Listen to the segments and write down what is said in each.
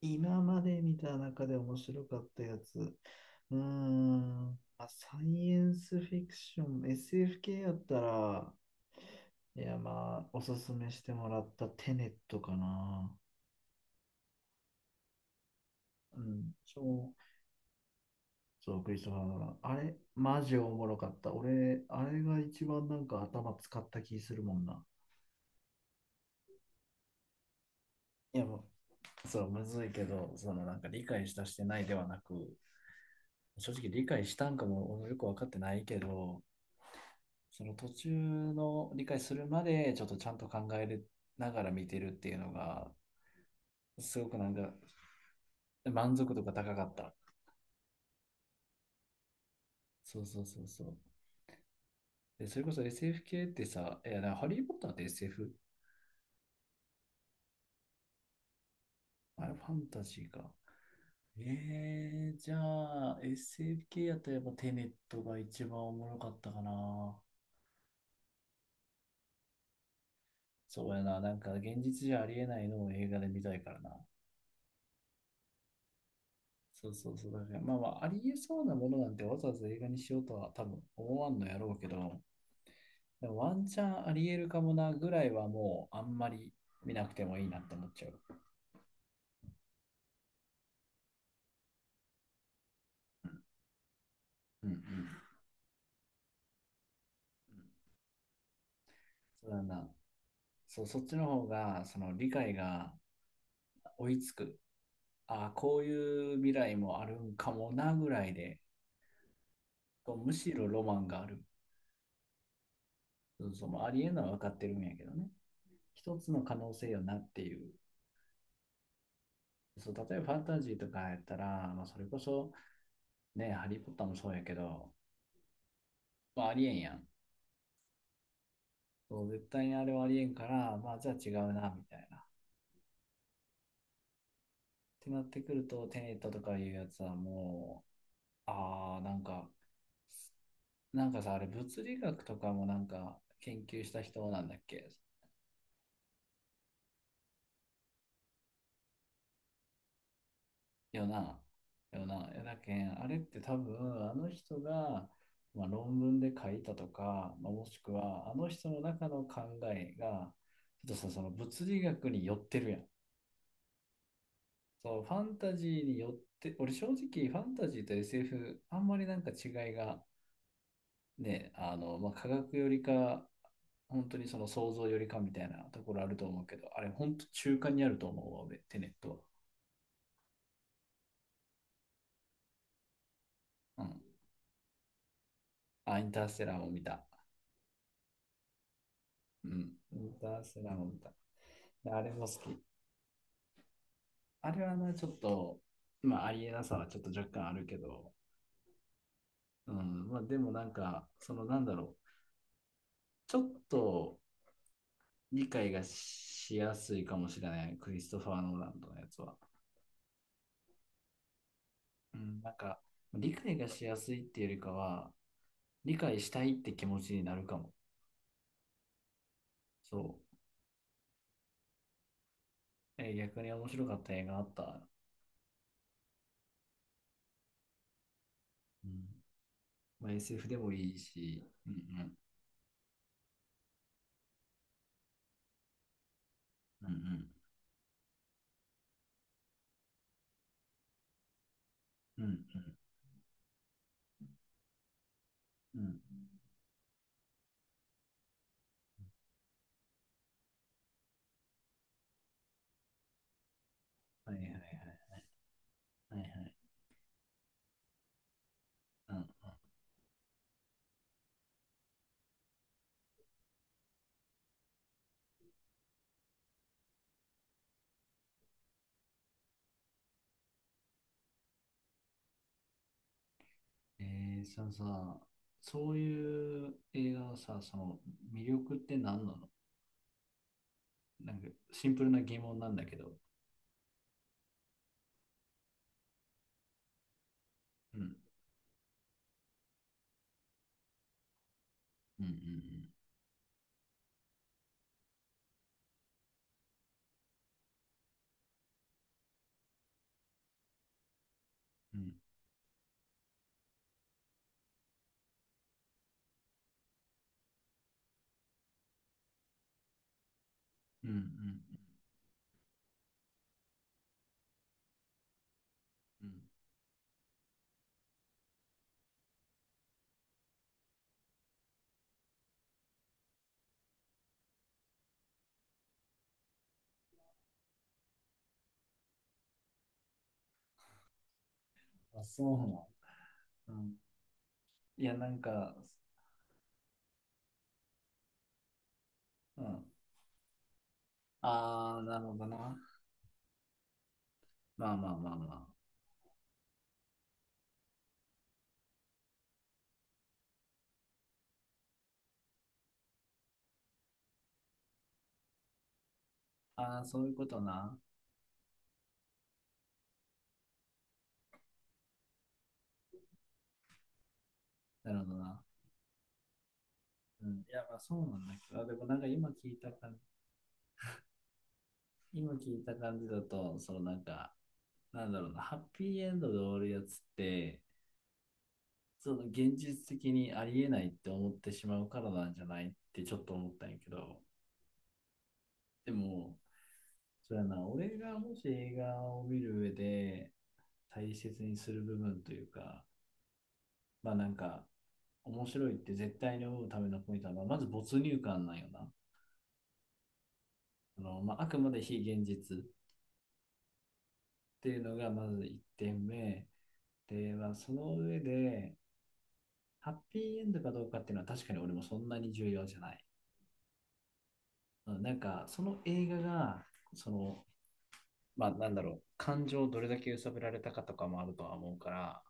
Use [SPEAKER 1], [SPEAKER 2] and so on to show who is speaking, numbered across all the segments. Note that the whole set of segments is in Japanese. [SPEAKER 1] 今まで見た中で面白かったやつ。うーん、まあ、サイエンスフィクション、SF 系やったら、いや、まあ、おすすめしてもらったテネットかな。うん、そう、そう、クリストファー・ノーランあれ、マジおもろかった。俺、あれが一番なんか頭使った気するもんな。いやもう、そう、むずいけど、そのなんか理解したしてないではなく、正直理解したんかも俺もよく分かってないけど、その途中の理解するまでちょっとちゃんと考えながら見てるっていうのがすごくなんか満足度が高かった。そうそうそうそう。で、それこそ SF 系ってさ、いや、だからハリー・ポッターって SF？ あれファンタジーか。じゃあ SF 系やったらやっぱテネットが一番おもろかったかな。そうやな、なんか現実じゃありえないのを映画で見たいからな。そうそうそう。だからまあまあ、ありえそうなものなんてわざわざ映画にしようとは多分思わんのやろうけど、ワンチャンありえるかもなぐらいはもうあんまり見なくてもいいなって思っちゃう。うんうんうん。そうだな。そう、そっちの方がその理解が追いつく。ああ、こういう未来もあるんかもなぐらいで、とむしろロマンがある。そうそう、まあありえんのは分かってるんやけどね。一つの可能性よなっていう。そう、例えばファンタジーとかやったら、まあ、それこそね、ハリー・ポッターもそうやけど、まあ、ありえんやん。そう、絶対にあれはありえんから、まあ、じゃあ違うな、みたいな。てなってくると、テネットとかいうやつはもう、ああ、なんか、なんかさ、あれ、物理学とかもなんか研究した人なんだっけよな、よなけん、あれって多分、あの人が、まあ、論文で書いたとか、まあ、もしくは、あの人の中の考えが、ちょっとさ、その物理学に寄ってるやん。そう、ファンタジーに寄って、俺正直ファンタジーと SF、あんまりなんか違いがね、まあ、科学よりか、本当にその想像よりかみたいなところあると思うけど、あれ、本当中間にあると思うわ、俺、テネットは。うん。あ、インターステラーも見た。うん。インターステラーも見た。あれも好き。あれはな、ちょっと、まあ、ありえなさはちょっと若干あるけど、うん。まあ、でもなんか、その、なんだろう。ちょっと理解がしやすいかもしれない、クリストファー・ノーランドのやつは。うん。なんか、理解がしやすいっていうよりかは、理解したいって気持ちになるかも。そう。逆に面白かった映画あった。うんまあ、SF でもいいし。うんうんうんうんうんうんはいはいはいはい。うんそのさ、そういう映画のさ、その魅力って何なの。なんかシンプルな疑問なんだけど。うんうんうんうんうんうんうんうん。まあ、そうなの。うん、いや、なんか、うん。ああ、なるほどな。まあまあまあまあ。ああ、そういうことな。なるほどな。うん、いや、まあそうなんだけど、あでもなんか今聞いた感じ、今聞いた感じだと、そのなんか、なんだろうな、ハッピーエンドで終わるやつって、その現実的にありえないって思ってしまうからなんじゃないってちょっと思ったんやけど、でも、そうやな、俺がもし映画を見る上で大切にする部分というか、まあなんか、面白いって絶対に思うためのポイントは、まあまず没入感なんよな。まあ、あくまで非現実。っていうのがまず1点目。で、まあ、その上で、ハッピーエンドかどうかっていうのは確かに俺もそんなに重要じゃない。うんなんか、その映画が、その、まあ、なんだろう、感情をどれだけ揺さぶられたかとかもあるとは思うから、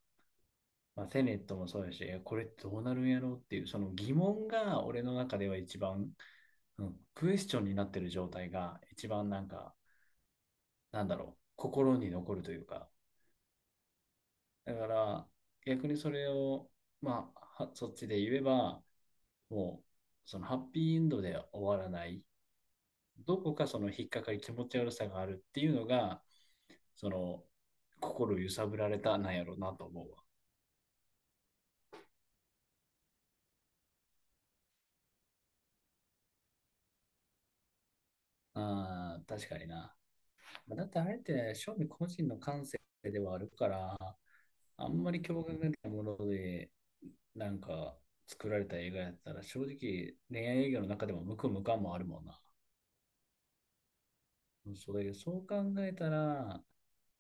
[SPEAKER 1] まあ、テネットもそうやし、これどうなるんやろうっていう、その疑問が俺の中では一番、うん、クエスチョンになってる状態が一番なんか、なんだろう、心に残るというか、だから、逆にそれを、まあ、はそっちで言えば、もう、そのハッピーエンドで終わらない、どこかその引っかかり、気持ち悪さがあるっていうのが、その、心揺さぶられたなんやろうなと思うわ。ああ、確かにな。だってあれって、正味個人の感性ではあるから、あんまり共感がないもので、なんか作られた映画やったら、正直恋愛映画の中でも無垢無感もあるもんな。それ、そう考えたら、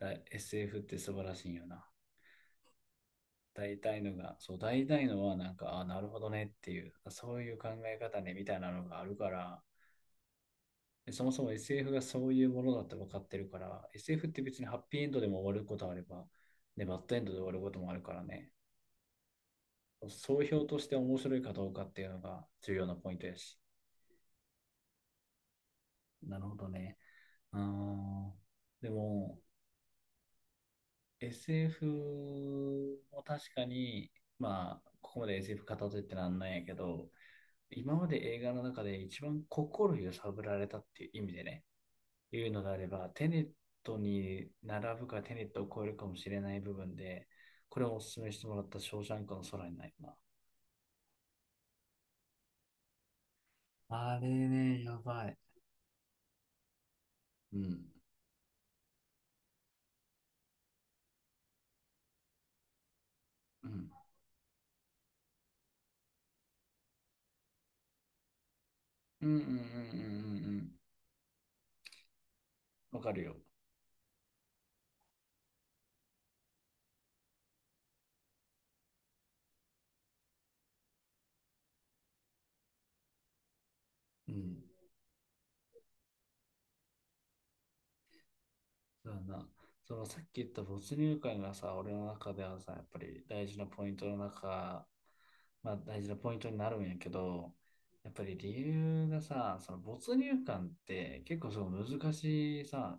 [SPEAKER 1] あ SF って素晴らしいんよな。大体のが、そう、大体のはなんか、あ、なるほどねっていう、そういう考え方ねみたいなのがあるから、でそもそも SF がそういうものだって分かってるから、SF って別にハッピーエンドでも終わることあれば、ね、バッドエンドで終わることもあるからね、総評として面白いかどうかっていうのが重要なポイントやし。なるほどね。うーん。でも、SF も確かに、まあ、ここまで SF 語ってってなんないんやけど、今まで映画の中で一番心揺さぶられたっていう意味でね、いうのであれば、テネットに並ぶかテネットを超えるかもしれない部分で、これをお勧めしてもらったショーシャンクの空にないな。あれね、やばい。うん。うん。うんうんうんうんうんうん。わかるよ。うん。だからな、そのさっき言った没入感がさ、俺の中ではさ、やっぱり大事なポイントの中、まあ大事なポイントになるんやけど、やっぱり理由がさ、その没入感って結構その難しいさ、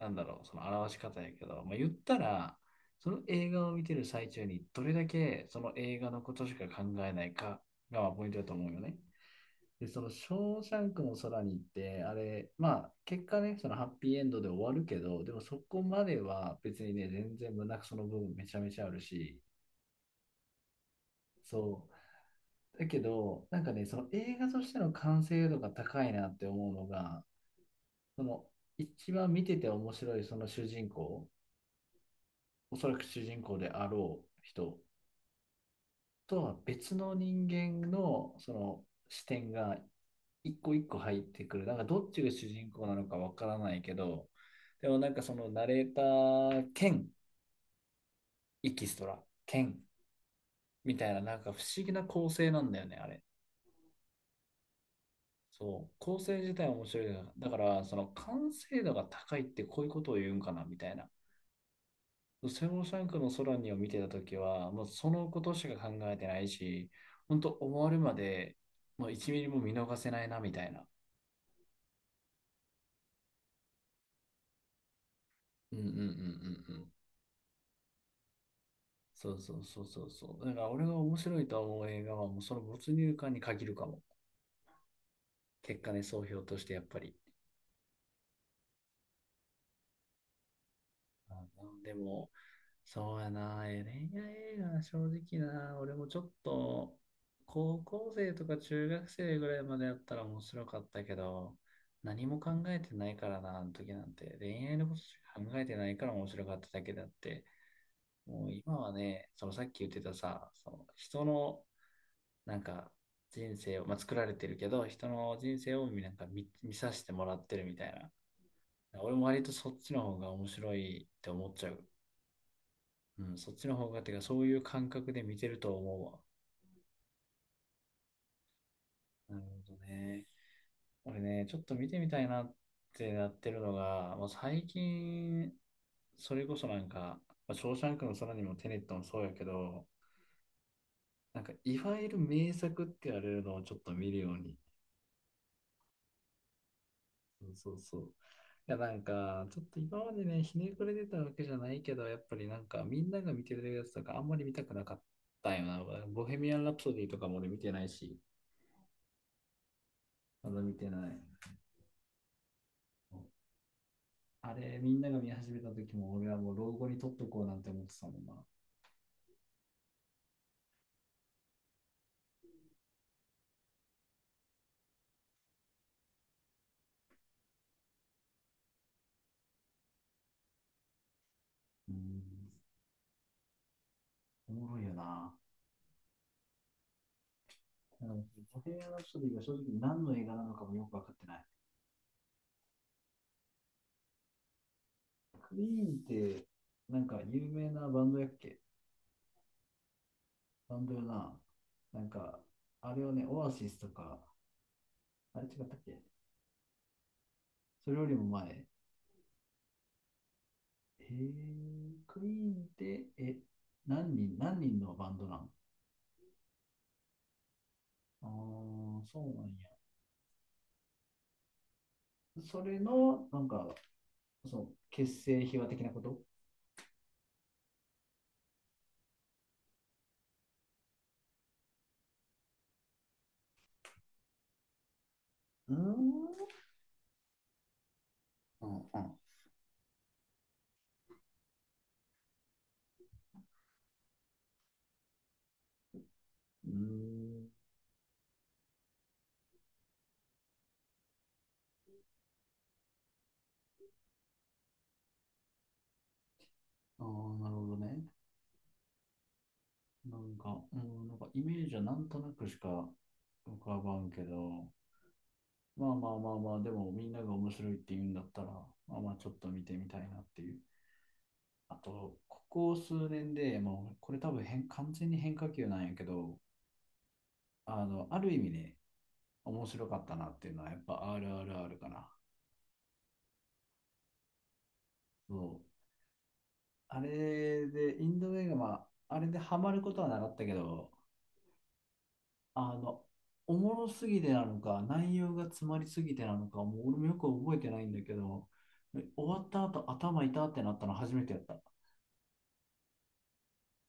[SPEAKER 1] なんだろう、その表し方やけど、まあ、言ったら、その映画を見てる最中にどれだけその映画のことしか考えないかがまあポイントだと思うよね。で、その、ショーシャンクの空に行って、あれ、まあ、結果ね、そのハッピーエンドで終わるけど、でもそこまでは別にね、全然胸くその部分めちゃめちゃあるし、そう。だけど、なんかね、その映画としての完成度が高いなって思うのが、その、一番見てて面白いその主人公、おそらく主人公であろう人とは別の人間のその視点が一個一個入ってくる。なんかどっちが主人公なのかわからないけど、でもなんかそのナレーター兼エキストラ兼みたいななんか不思議な構成なんだよね、あれ。そう。構成自体は面白いな。だからその完成度が高いってこういうことを言うんかなみたいな。セモシャンクの空にを見てたときは、もうそのことしか考えてないし、本当終わるまで、もう1ミリも見逃せないなみたいな。うんうんうんうんうん。そうそうそうそうそう。だから俺が面白いと思う映画はもうその没入感に限るかも。結果ね、総評としてやっぱり。あ、でも、そうやな、恋愛映画、正直な、俺もちょっと、高校生とか中学生ぐらいまでやったら面白かったけど、何も考えてないからな、あの時なんて。恋愛のことしか考えてないから面白かっただけであって、もう今はね、そのさっき言ってたさ、その人のなんか人生を、まあ、作られてるけど、人の人生をなんか見させてもらってるみたいな。俺も割とそっちの方が面白いって思っちゃう。うん、そっちの方がっていうか、そういう感覚で見てると思うわ。なるほどね。俺ね、ちょっと見てみたいなってなってるのが、まあ、最近、それこそなんか、まあ、ショーシャンクの空にもテネットもそうやけど、なんかいわゆる名作って言われるのをちょっと見るように。そうそうそう。いや、なんか、ちょっと今までね、ひねくれてたわけじゃないけど、やっぱりなんか、みんなが見てるやつとか、あんまり見たくなかったよな。ボヘミアン・ラプソディとかも俺見てないし、まだ見てない。あれ、みんなが見始めた時も、俺はもう老後に撮っとこうなんて思ってたもんな。うん、おもろいよな。なんかボヘミアン・ラプソディが正直何の映画なのかもよくわかってない。クイーンって、なんか有名なバンドやっけ？バンドよな。なんか、あれをね、オアシスとか、あれ違ったっけ？それよりも前。へえー、クイーンって、何人のバンドなん？ああ、そうなんや。それの、なんか、その、結成秘話的なこと。うーん。うん、うん。うーん。ああ、なるほどね。なんか、うん、なんかイメージはなんとなくしか浮かばんけど、まあまあまあまあ、でもみんなが面白いって言うんだったら、まあまあちょっと見てみたいなっていう。あと、ここ数年でもう、これ多分完全に変化球なんやけど、ある意味ね、面白かったなっていうのは、やっぱ RRR かな。そう。あれで、インド映画、まあ、あれでハマることはなかったけど、あの、おもろすぎてなのか、内容が詰まりすぎてなのか、もう俺もよく覚えてないんだけど、終わった後頭痛ってなったの初めてやった。